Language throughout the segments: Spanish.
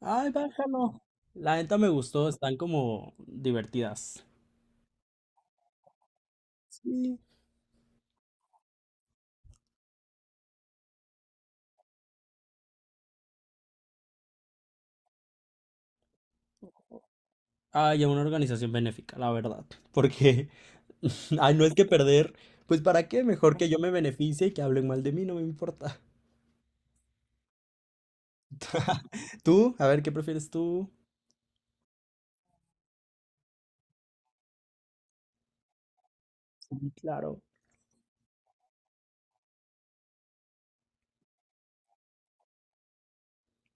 Ay, bájalo. La neta me gustó, están como divertidas. Sí. Ay, a una organización benéfica, la verdad. Porque, ay, no es que perder. Pues para qué, mejor que yo me beneficie y que hablen mal de mí, no me importa. Tú, a ver, ¿qué prefieres tú? Sí, claro.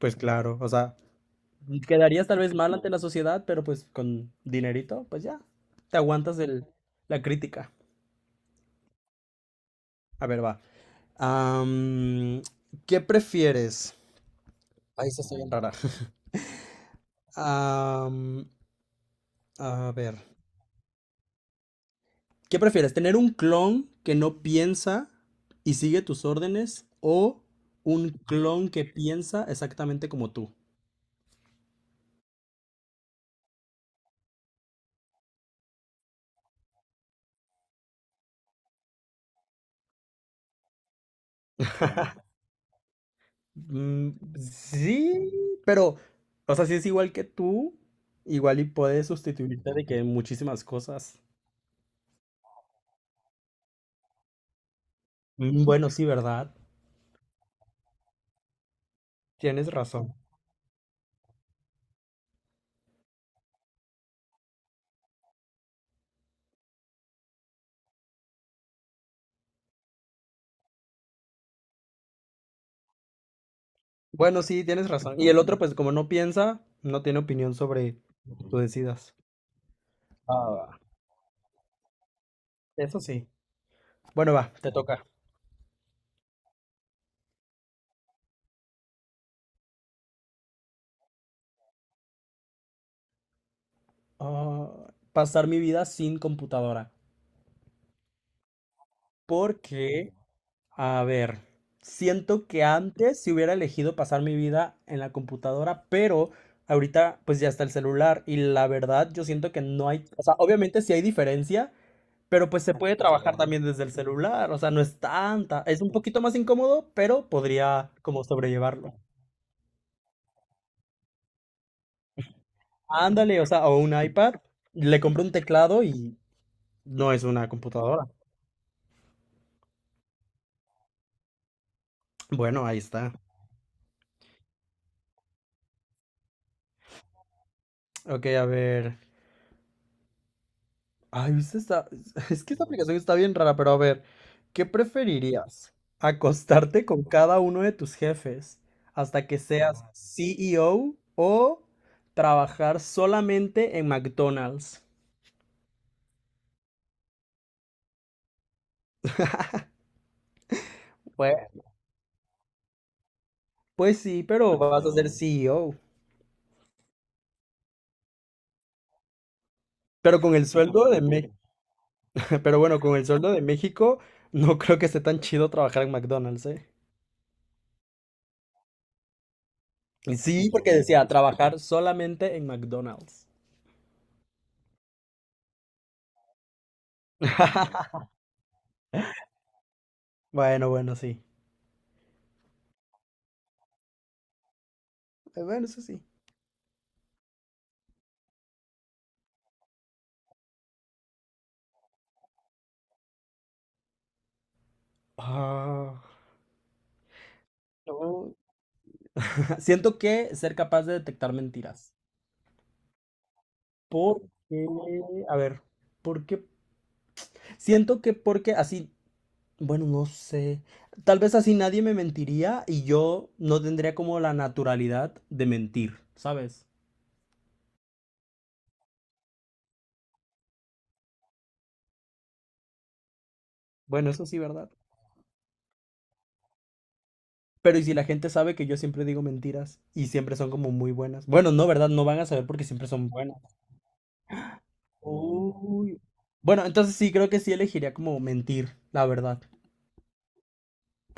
Pues claro, o sea, quedarías tal vez mal ante la sociedad, pero pues con dinerito, pues ya, te aguantas el, la crítica. A ver, va. Am, ¿Qué prefieres? Ay, se está bien rara. Am, a ver, ¿qué prefieres? ¿Tener un clon que no piensa y sigue tus órdenes o un clon que piensa exactamente como tú? Mm, sí, pero, o sea, si es igual que tú, igual y puedes sustituirte de que en muchísimas cosas. Mm, bueno, sí, ¿verdad? Tienes razón. Bueno, sí, tienes razón. Y el otro, pues como no piensa, no tiene opinión sobre lo que tú decidas. Ah, va. Eso sí. Bueno, va, te toca. Ah, pasar mi vida sin computadora. Porque, a ver, siento que antes si hubiera elegido pasar mi vida en la computadora, pero ahorita pues ya está el celular y la verdad yo siento que no hay, o sea, obviamente sí hay diferencia, pero pues se puede trabajar también desde el celular, o sea, no es tanta, es un poquito más incómodo, pero podría como sobrellevarlo. Ándale, o sea, o un iPad, le compro un teclado y no es una computadora. Bueno, ahí está. Ok, a ver. Ay, ¿viste esta? Es que esta aplicación está bien rara, pero a ver, ¿qué preferirías? ¿Acostarte con cada uno de tus jefes hasta que seas CEO o trabajar solamente en McDonald's? Pues, pues, sí, pero vas a ser CEO. Pero con el sueldo de México, pero bueno, con el sueldo de México, no creo que esté tan chido trabajar en McDonald's, ¿eh? Y sí, porque decía, trabajar solamente en McDonald's. Bueno, bueno, sí. Bueno, eso sí. Ah. No, siento que ser capaz de detectar mentiras. Porque, a ver, porque siento que porque así, bueno, no sé, tal vez así nadie me mentiría y yo no tendría como la naturalidad de mentir, ¿sabes? Bueno, eso sí, ¿verdad? Pero y si la gente sabe que yo siempre digo mentiras y siempre son como muy buenas. Bueno, no, ¿verdad? No van a saber porque siempre son buenas. Uy. Bueno, entonces sí, creo que sí elegiría como mentir, la verdad.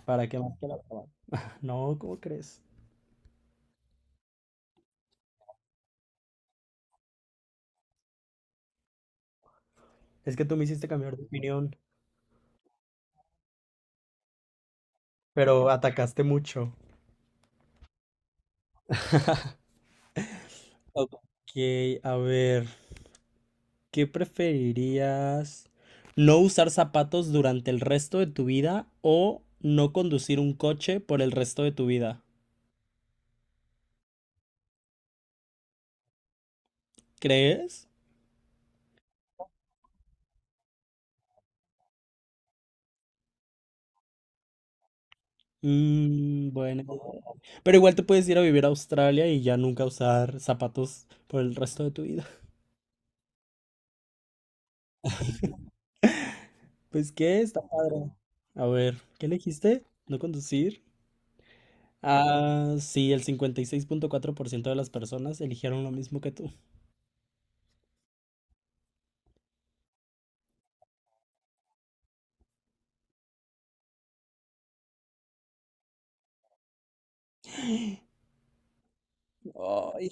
¿Para qué más que la verdad? No, ¿cómo crees? Es que tú me hiciste cambiar de opinión, pero atacaste mucho. Ok, a ver, ¿qué preferirías? ¿No usar zapatos durante el resto de tu vida o no conducir un coche por el resto de tu vida? ¿Crees? Mm, bueno. Pero igual te puedes ir a vivir a Australia y ya nunca usar zapatos por el resto de tu vida. Pues qué, está padre. A ver, ¿qué elegiste? ¿No conducir? Ah, sí, el 56.4% de las personas eligieron lo mismo que tú. Ay,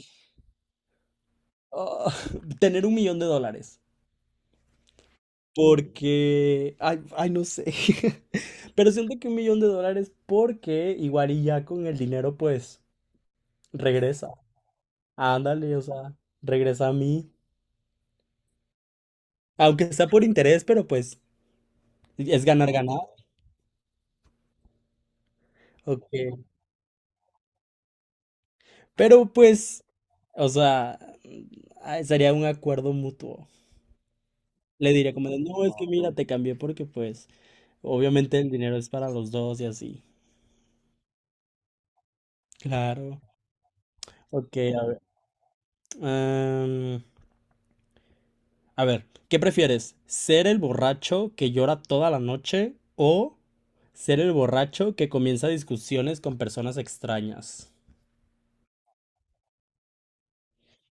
ah, tener $1 millón. Porque, ay, ay, no sé. Pero siento que $1 millón porque igual y ya con el dinero pues regresa. Ándale, o sea, regresa a mí. Aunque sea por interés, pero pues es ganar, ganar. Ok. Pero pues, o sea, ay, sería un acuerdo mutuo. Le diré como de, no, es que mira, te cambié porque pues obviamente el dinero es para los dos y así. Claro. Ok, a ver. am, a ver, ¿qué prefieres? ¿Ser el borracho que llora toda la noche o ser el borracho que comienza discusiones con personas extrañas?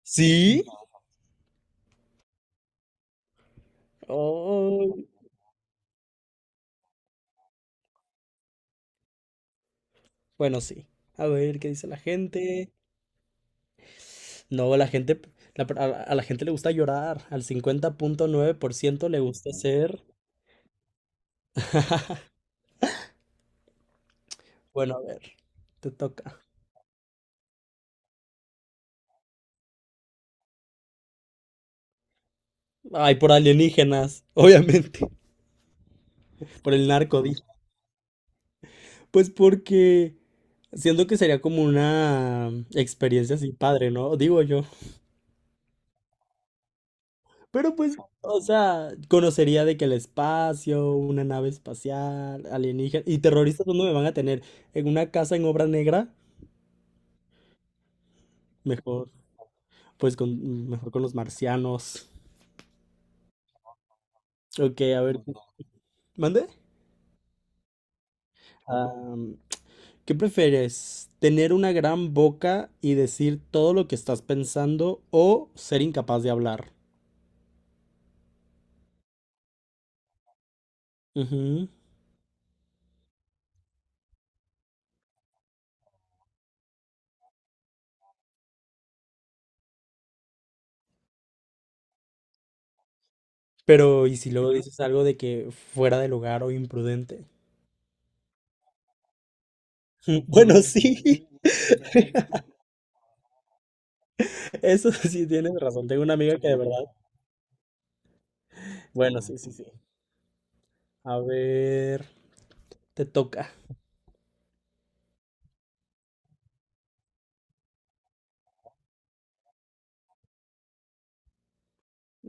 ¿Sí? Oh, bueno, sí. A ver, ¿qué dice la gente? No, la gente, a la gente le gusta llorar. Al 50.9% le gusta ser... Bueno, a ver, te toca. Ay, por alienígenas, obviamente, por el narco, dije. Pues porque siento que sería como una experiencia así padre, ¿no? Digo yo. Pero pues, o sea, conocería de que el espacio, una nave espacial, alienígena y terroristas, ¿dónde me van a tener? ¿En una casa en obra negra? Mejor, pues con, mejor con los marcianos. Ok, a ver, ¿mande? ¿Qué prefieres? ¿Tener una gran boca y decir todo lo que estás pensando o ser incapaz de hablar? Ujú. Pero, ¿y si luego dices algo de que fuera de lugar o imprudente? Bueno, sí. Eso sí tienes razón. Tengo una amiga que de verdad. Bueno, sí, sí, sí. A ver, te toca.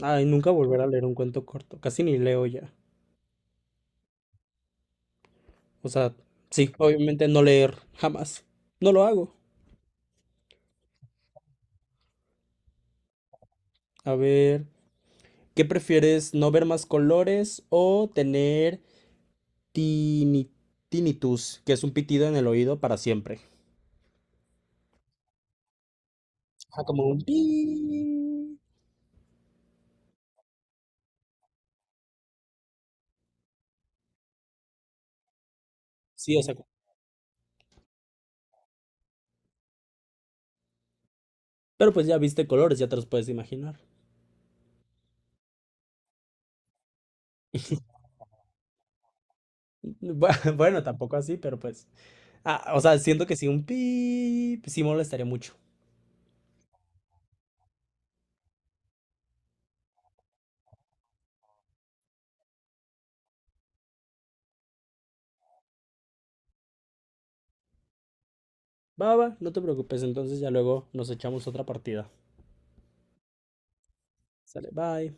Ay, nunca volver a leer un cuento corto. Casi ni leo ya. O sea, sí, obviamente no leer jamás. No lo hago. A ver, ¿qué prefieres, no ver más colores o tener tini- tinnitus, que es un pitido en el oído para siempre? Ajá, como un pi. Sí, o sea, pero pues ya viste colores, ya te los puedes imaginar. Bueno, tampoco así, pero pues. Ah, o sea, siento que sí, un pi sí molestaría mucho. Va, va, no te preocupes, entonces ya luego nos echamos otra partida. Sale, bye.